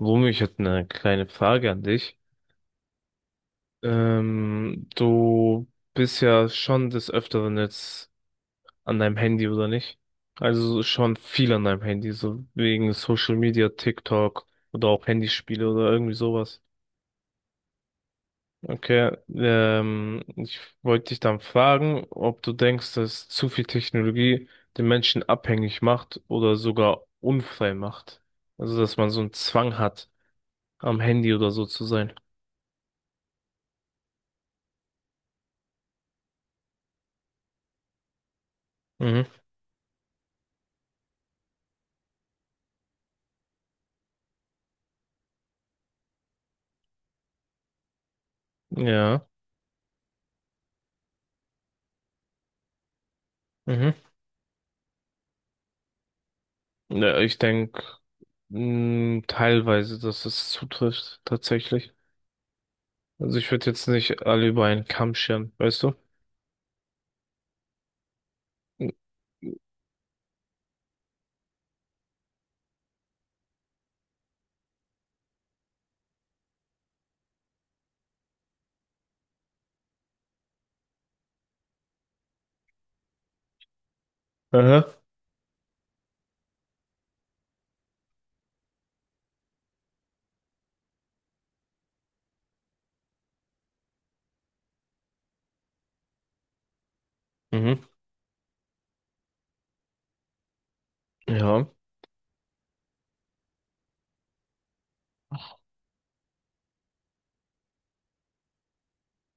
Romeo, ich hätte eine kleine Frage an dich. Du bist ja schon des Öfteren jetzt an deinem Handy, oder nicht? Also so schon viel an deinem Handy, so wegen Social Media, TikTok oder auch Handyspiele oder irgendwie sowas. Okay, ich wollte dich dann fragen, ob du denkst, dass zu viel Technologie den Menschen abhängig macht oder sogar unfrei macht. Also, dass man so einen Zwang hat, am Handy oder so zu sein. Mhm. Ja. Mhm. Ja, ich denke, teilweise, dass es zutrifft, tatsächlich. Also ich würde jetzt nicht alle über einen Kamm scheren, weißt du? N- Aha. Mhm. Ja.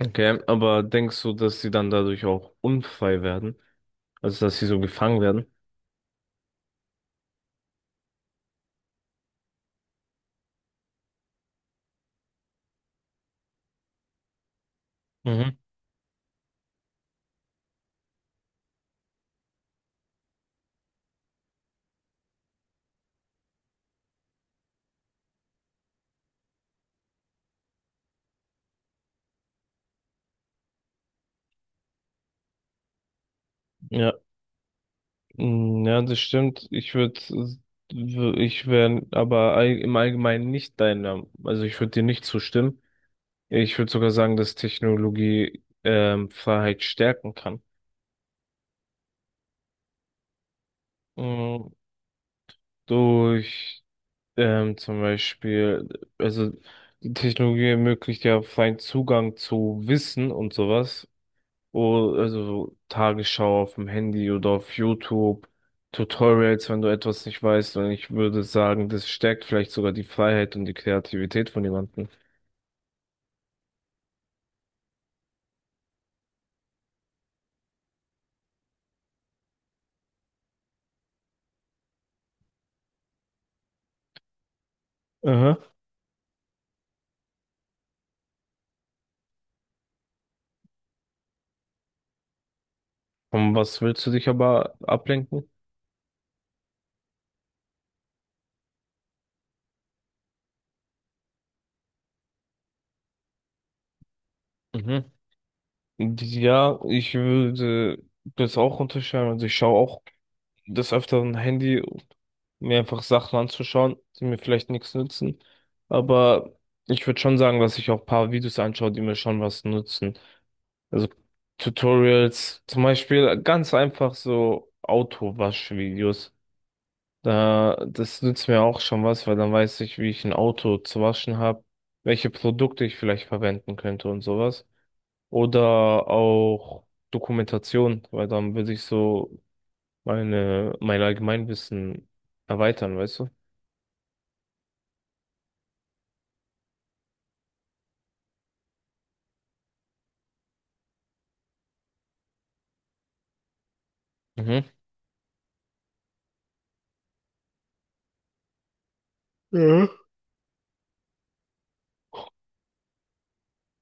Okay, aber denkst du, dass sie dann dadurch auch unfrei werden? Also dass sie so gefangen werden? Mhm. Ja. Mm, ja, das stimmt. Ich würde, ich wäre aber all, im Allgemeinen nicht deiner, also ich würde dir nicht zustimmen. Ich würde sogar sagen, dass Technologie Freiheit stärken kann. Mm, durch zum Beispiel, also die Technologie ermöglicht ja freien Zugang zu Wissen und sowas. Oh, also so Tagesschau auf dem Handy oder auf YouTube, Tutorials, wenn du etwas nicht weißt. Und ich würde sagen, das stärkt vielleicht sogar die Freiheit und die Kreativität von jemandem. Aha. Und was willst du dich aber ablenken? Mhm. Ja, ich würde das auch unterschreiben. Also ich schaue auch des Öfteren Handy, um mir einfach Sachen anzuschauen, die mir vielleicht nichts nützen. Aber ich würde schon sagen, dass ich auch ein paar Videos anschaue, die mir schon was nutzen. Also Tutorials, zum Beispiel ganz einfach so Autowaschvideos. Da, das nützt mir auch schon was, weil dann weiß ich, wie ich ein Auto zu waschen habe, welche Produkte ich vielleicht verwenden könnte und sowas. Oder auch Dokumentation, weil dann würde ich so meine, mein Allgemeinwissen erweitern, weißt du? Mhm. Ja.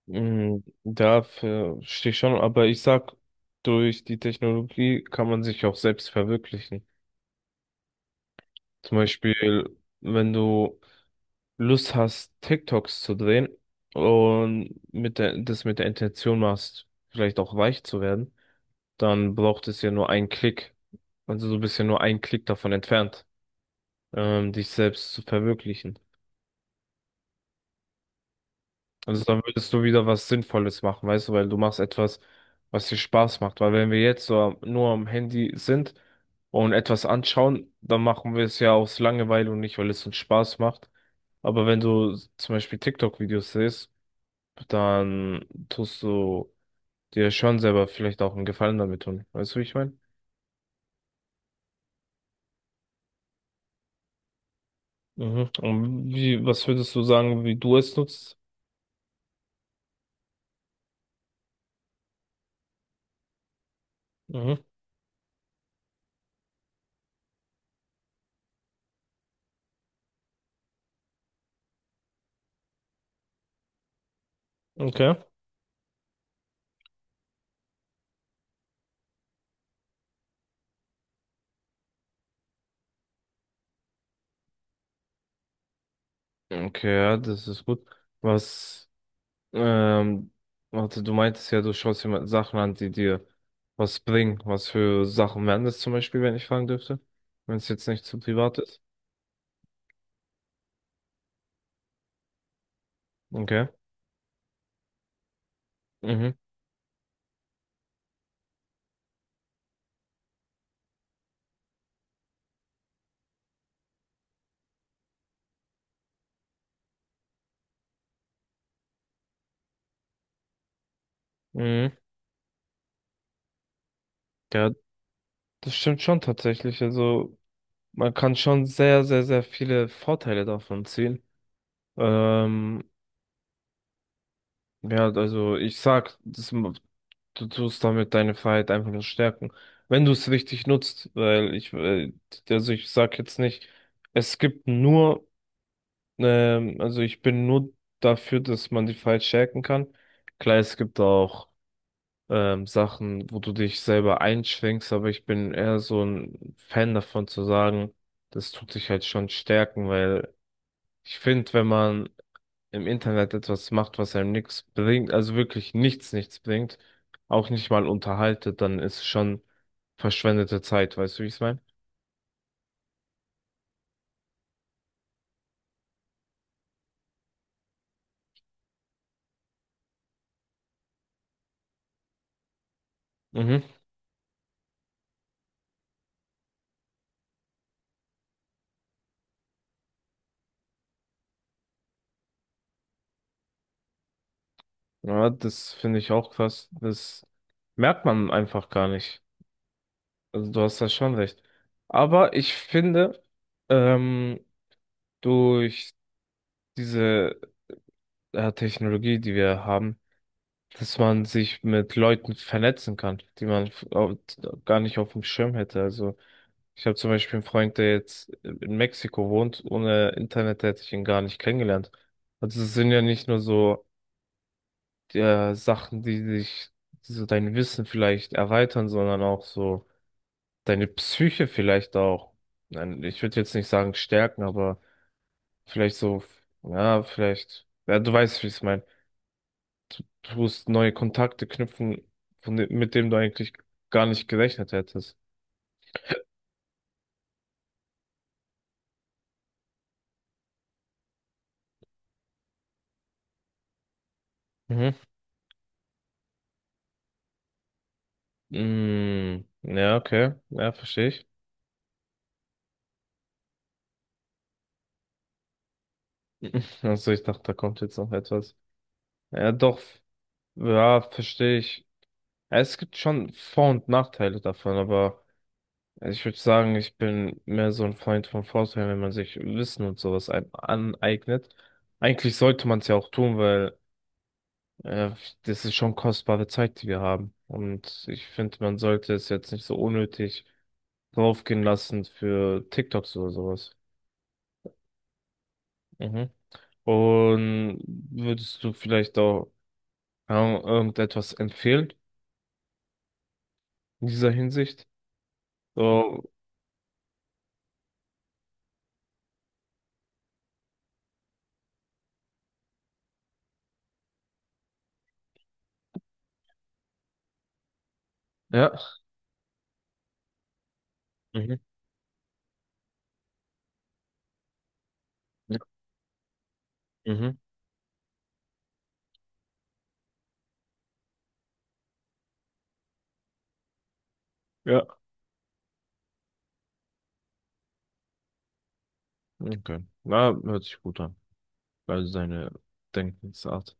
Mm, dafür stehe ich schon, aber ich sag, durch die Technologie kann man sich auch selbst verwirklichen. Zum Beispiel, wenn du Lust hast, TikToks zu drehen und mit der, das mit der Intention machst, vielleicht auch reich zu werden, dann braucht es ja nur einen Klick. Also du bist ja nur einen Klick davon entfernt, dich selbst zu verwirklichen. Also dann würdest du wieder was Sinnvolles machen, weißt du, weil du machst etwas, was dir Spaß macht. Weil wenn wir jetzt so am- nur am Handy sind und etwas anschauen, dann machen wir es ja aus Langeweile und nicht, weil es uns Spaß macht. Aber wenn du s- zum Beispiel TikTok-Videos siehst, dann tust du dir schon selber vielleicht auch einen Gefallen damit tun. Weißt du, wie ich meine? Mhm. Und wie, was würdest du sagen, wie du es nutzt? Mhm. Okay. Okay, ja, das ist gut. Was Ähm, warte, du meintest ja, du schaust dir mal Sachen an, die dir was bringen. Was für Sachen wären das zum Beispiel, wenn ich fragen dürfte? Wenn es jetzt nicht zu privat ist. Okay. Mhm. Mhm. Ja, das stimmt schon tatsächlich. Also, man kann schon sehr, sehr, sehr viele Vorteile davon ziehen. Ähm, ja, also ich sag, das, m- du tust damit deine Freiheit einfach nur stärken. Wenn du es richtig nutzt, weil ich, also ich sag jetzt nicht, es gibt nur also ich bin nur dafür, dass man die Files stärken kann. Klar, es gibt auch Sachen, wo du dich selber einschränkst, aber ich bin eher so ein Fan davon zu sagen, das tut dich halt schon stärken, weil ich finde, wenn man im Internet etwas macht, was einem nichts bringt, also wirklich nichts, nichts bringt, auch nicht mal unterhaltet, dann ist es schon verschwendete Zeit, weißt du, wie ich es meine? Mhm. Ja, das finde ich auch krass. Das merkt man einfach gar nicht. Also du hast da schon recht. Aber ich finde, ähm, durch diese Technologie, die wir haben, dass man sich mit Leuten vernetzen kann, die man f- au- gar nicht auf dem Schirm hätte. Also ich habe zum Beispiel einen Freund, der jetzt in Mexiko wohnt. Ohne Internet hätte ich ihn gar nicht kennengelernt. Also es sind ja nicht nur so Sachen, die dich, die so dein Wissen vielleicht erweitern, sondern auch so deine Psyche vielleicht auch, nein, ich würde jetzt nicht sagen stärken, aber vielleicht so, ja, vielleicht, ja, du weißt, wie ich es meine. Du musst neue Kontakte knüpfen, von, dem- mit dem du eigentlich gar nicht gerechnet hättest. Mhm. Mm, ja, okay, ja, verstehe ich. Also ich dachte, da kommt jetzt noch etwas. Ja, doch, ja, verstehe ich. Ja, es gibt schon Vor- und Nachteile davon, aber also ich würde sagen, ich bin mehr so ein Freund von Vorteilen, wenn man sich Wissen und sowas ein- aneignet. Eigentlich sollte man es ja auch tun, weil äh, das ist schon kostbare Zeit, die wir haben. Und ich finde, man sollte es jetzt nicht so unnötig draufgehen lassen für TikToks oder sowas. Mhm. Und würdest du vielleicht auch keine Ahnung, irgendetwas empfehlen in dieser Hinsicht? So, ja. Mhm. Ja. Mhm. Ja. Okay. Na, hört sich gut an. Weil seine Denkensart